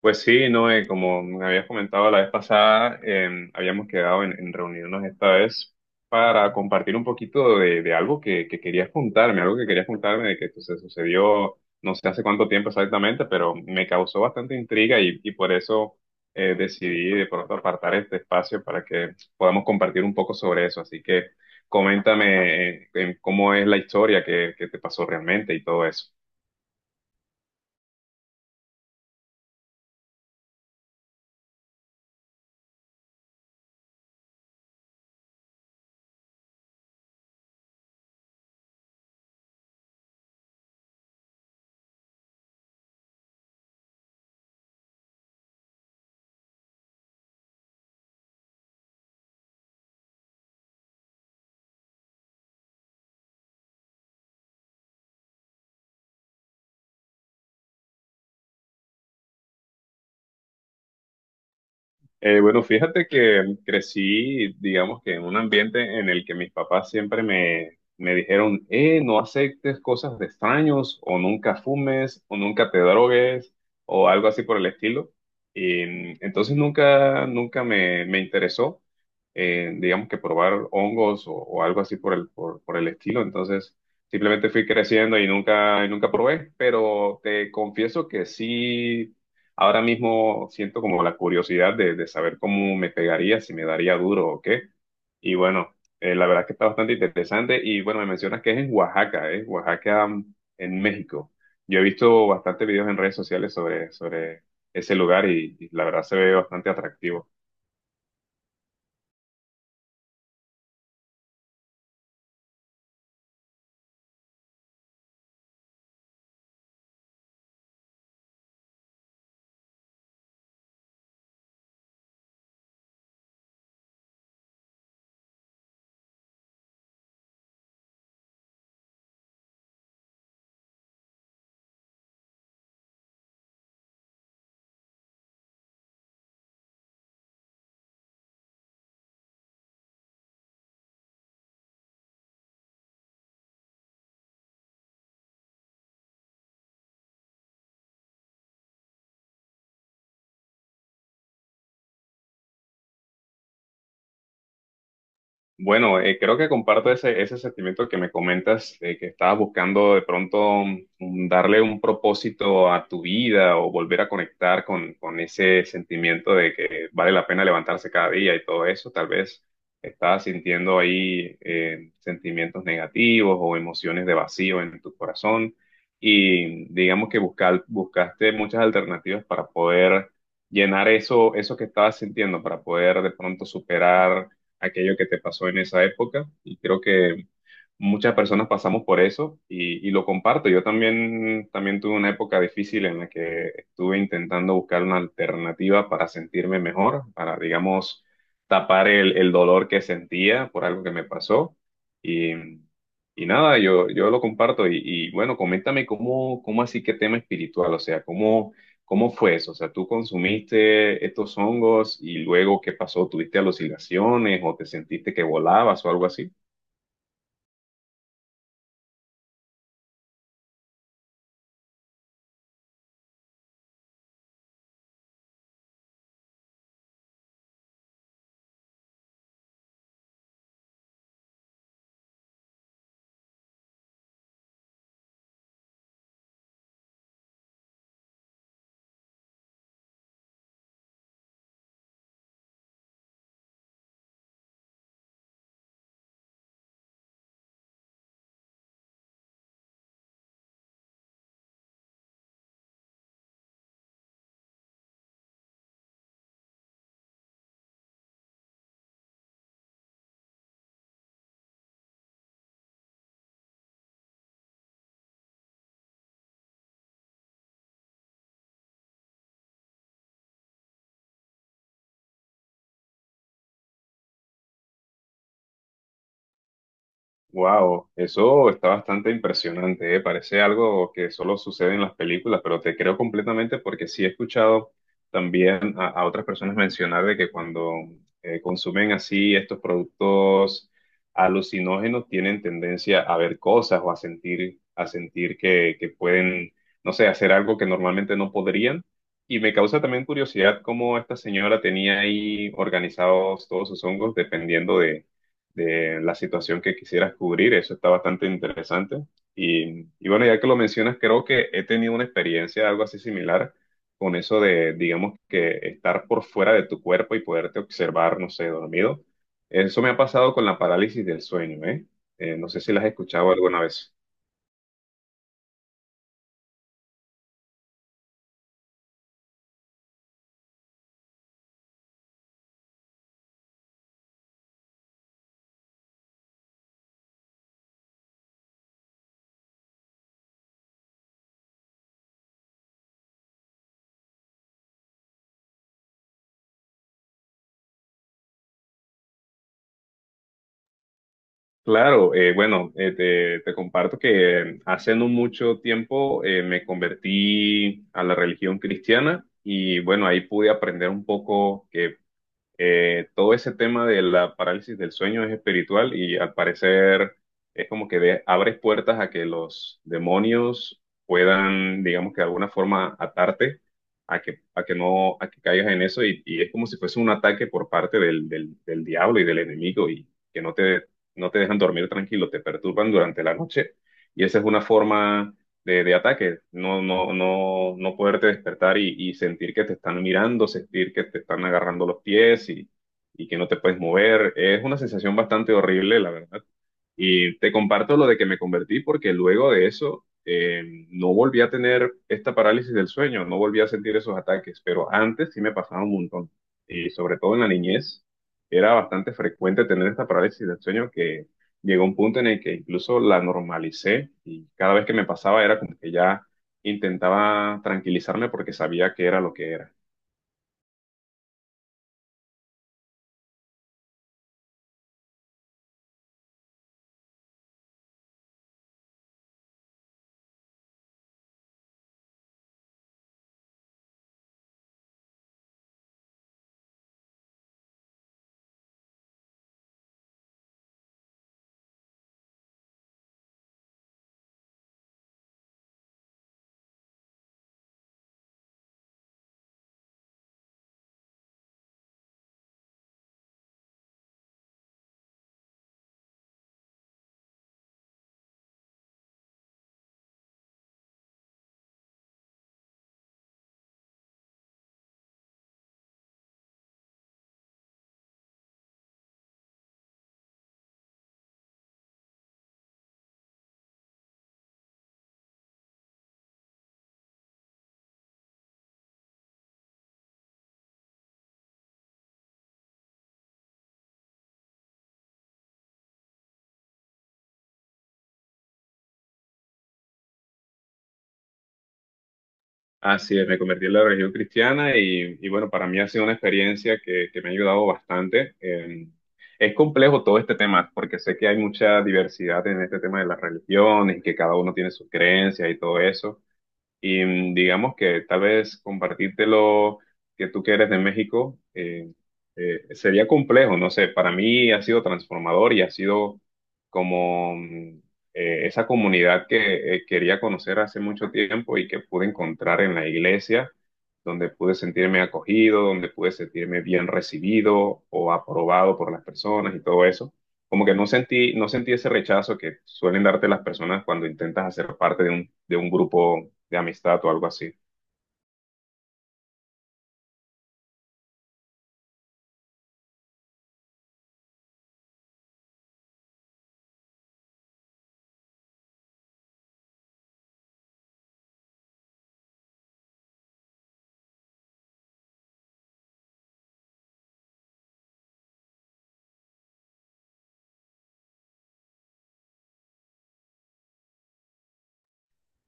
Pues sí, Noé, como me habías comentado la vez pasada, habíamos quedado en reunirnos esta vez para compartir un poquito de algo que querías contarme, algo que querías contarme de que pues, se sucedió no sé hace cuánto tiempo exactamente, pero me causó bastante intriga y por eso decidí de pronto apartar este espacio para que podamos compartir un poco sobre eso. Así que coméntame cómo es la historia que te pasó realmente y todo eso. Bueno, fíjate que crecí, digamos que en un ambiente en el que mis papás siempre me dijeron, no aceptes cosas de extraños, o nunca fumes, o nunca te drogues, o algo así por el estilo. Y entonces nunca me interesó, digamos que probar hongos o algo así por por el estilo. Entonces simplemente fui creciendo y nunca probé, pero te confieso que sí. Ahora mismo siento como la curiosidad de saber cómo me pegaría, si me daría duro o qué. Y bueno, la verdad es que está bastante interesante. Y bueno, me mencionas que es en Oaxaca, ¿eh? Oaxaca, mm, en México. Yo he visto bastantes videos en redes sociales sobre ese lugar y la verdad se ve bastante atractivo. Bueno, creo que comparto ese sentimiento que me comentas, de que estabas buscando de pronto darle un propósito a tu vida o volver a conectar con ese sentimiento de que vale la pena levantarse cada día y todo eso. Tal vez estabas sintiendo ahí sentimientos negativos o emociones de vacío en tu corazón y digamos que buscaste muchas alternativas para poder llenar eso que estabas sintiendo, para poder de pronto superar aquello que te pasó en esa época y creo que muchas personas pasamos por eso y lo comparto. Yo también, también tuve una época difícil en la que estuve intentando buscar una alternativa para sentirme mejor, para, digamos, tapar el dolor que sentía por algo que me pasó. Y, y nada, yo lo comparto y bueno, coméntame cómo así que tema espiritual, o sea, cómo... ¿Cómo fue eso? O sea, ¿tú consumiste estos hongos y luego qué pasó? ¿Tuviste alucinaciones o te sentiste que volabas o algo así? Wow, eso está bastante impresionante, ¿eh? Parece algo que solo sucede en las películas, pero te creo completamente porque sí he escuchado también a otras personas mencionar de que cuando consumen así estos productos alucinógenos tienen tendencia a ver cosas o a sentir que pueden, no sé, hacer algo que normalmente no podrían. Y me causa también curiosidad cómo esta señora tenía ahí organizados todos sus hongos dependiendo de la situación que quisieras cubrir. Eso está bastante interesante. Y bueno, ya que lo mencionas, creo que he tenido una experiencia algo así similar con eso de, digamos, que estar por fuera de tu cuerpo y poderte observar, no sé, dormido. Eso me ha pasado con la parálisis del sueño, ¿eh? No sé si las has escuchado alguna vez. Claro, bueno, te comparto que hace no mucho tiempo me convertí a la religión cristiana y bueno, ahí pude aprender un poco que todo ese tema de la parálisis del sueño es espiritual y al parecer es como que abres puertas a que los demonios puedan, digamos que de alguna forma atarte a a que no, a que caigas en eso y es como si fuese un ataque por parte del diablo y del enemigo y que no no te dejan dormir tranquilo, te perturban durante la noche y esa es una forma de ataque, no poderte despertar y sentir que te están mirando, sentir que te están agarrando los pies y que no te puedes mover. Es una sensación bastante horrible, la verdad. Y te comparto lo de que me convertí porque luego de eso no volví a tener esta parálisis del sueño, no volví a sentir esos ataques, pero antes sí me pasaba un montón. Y sobre todo en la niñez era bastante frecuente tener esta parálisis del sueño que llegó un punto en el que incluso la normalicé y cada vez que me pasaba era como que ya intentaba tranquilizarme porque sabía que era lo que era. Así es, me convertí en la religión cristiana y bueno, para mí ha sido una experiencia que me ha ayudado bastante. Es complejo todo este tema porque sé que hay mucha diversidad en este tema de las religiones, que cada uno tiene sus creencias y todo eso. Y digamos que tal vez compartírtelo que tú que eres de México sería complejo, no sé, para mí ha sido transformador y ha sido como esa comunidad que quería conocer hace mucho tiempo y que pude encontrar en la iglesia, donde pude sentirme acogido, donde pude sentirme bien recibido o aprobado por las personas y todo eso como que no sentí, no sentí ese rechazo que suelen darte las personas cuando intentas hacer parte de de un grupo de amistad o algo así.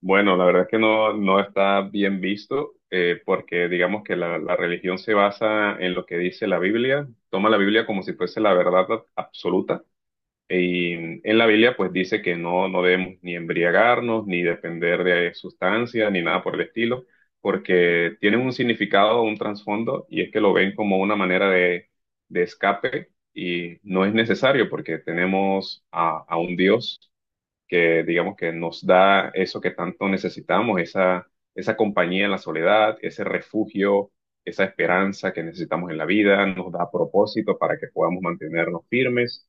Bueno, la verdad es que no, no está bien visto porque digamos que la religión se basa en lo que dice la Biblia, toma la Biblia como si fuese la verdad absoluta. Y en la Biblia pues dice que no, no debemos ni embriagarnos, ni depender de sustancias, ni nada por el estilo, porque tienen un significado, un trasfondo, y es que lo ven como una manera de escape y no es necesario porque tenemos a un Dios que digamos que nos da eso que tanto necesitamos, esa compañía en la soledad, ese refugio, esa esperanza que necesitamos en la vida, nos da propósito para que podamos mantenernos firmes.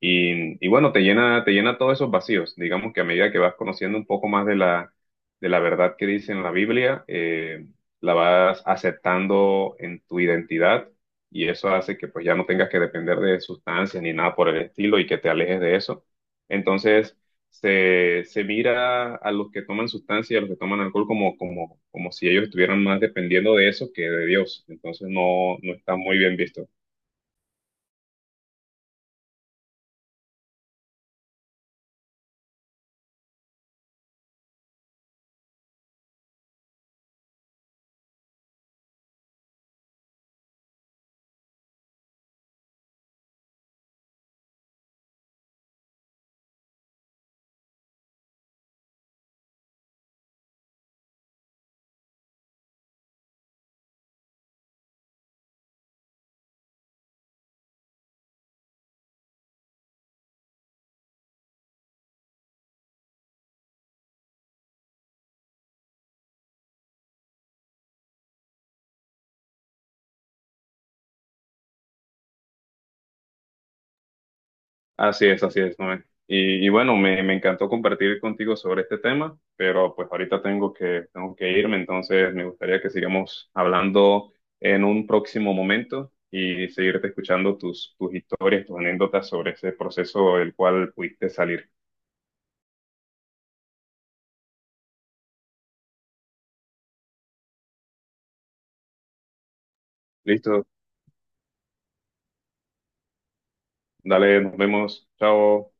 Y bueno, te llena todos esos vacíos. Digamos que a medida que vas conociendo un poco más de de la verdad que dice en la Biblia, la vas aceptando en tu identidad y eso hace que pues ya no tengas que depender de sustancias ni nada por el estilo y que te alejes de eso. Entonces, se mira a los que toman sustancias, y a los que toman alcohol como si ellos estuvieran más dependiendo de eso que de Dios. Entonces, no, no está muy bien visto. Así es, Noé. Y bueno, me encantó compartir contigo sobre este tema, pero pues ahorita tengo tengo que irme, entonces me gustaría que sigamos hablando en un próximo momento y seguirte escuchando tus historias, tus anécdotas sobre ese proceso del cual pudiste salir. Listo, dale, nos vemos, chao.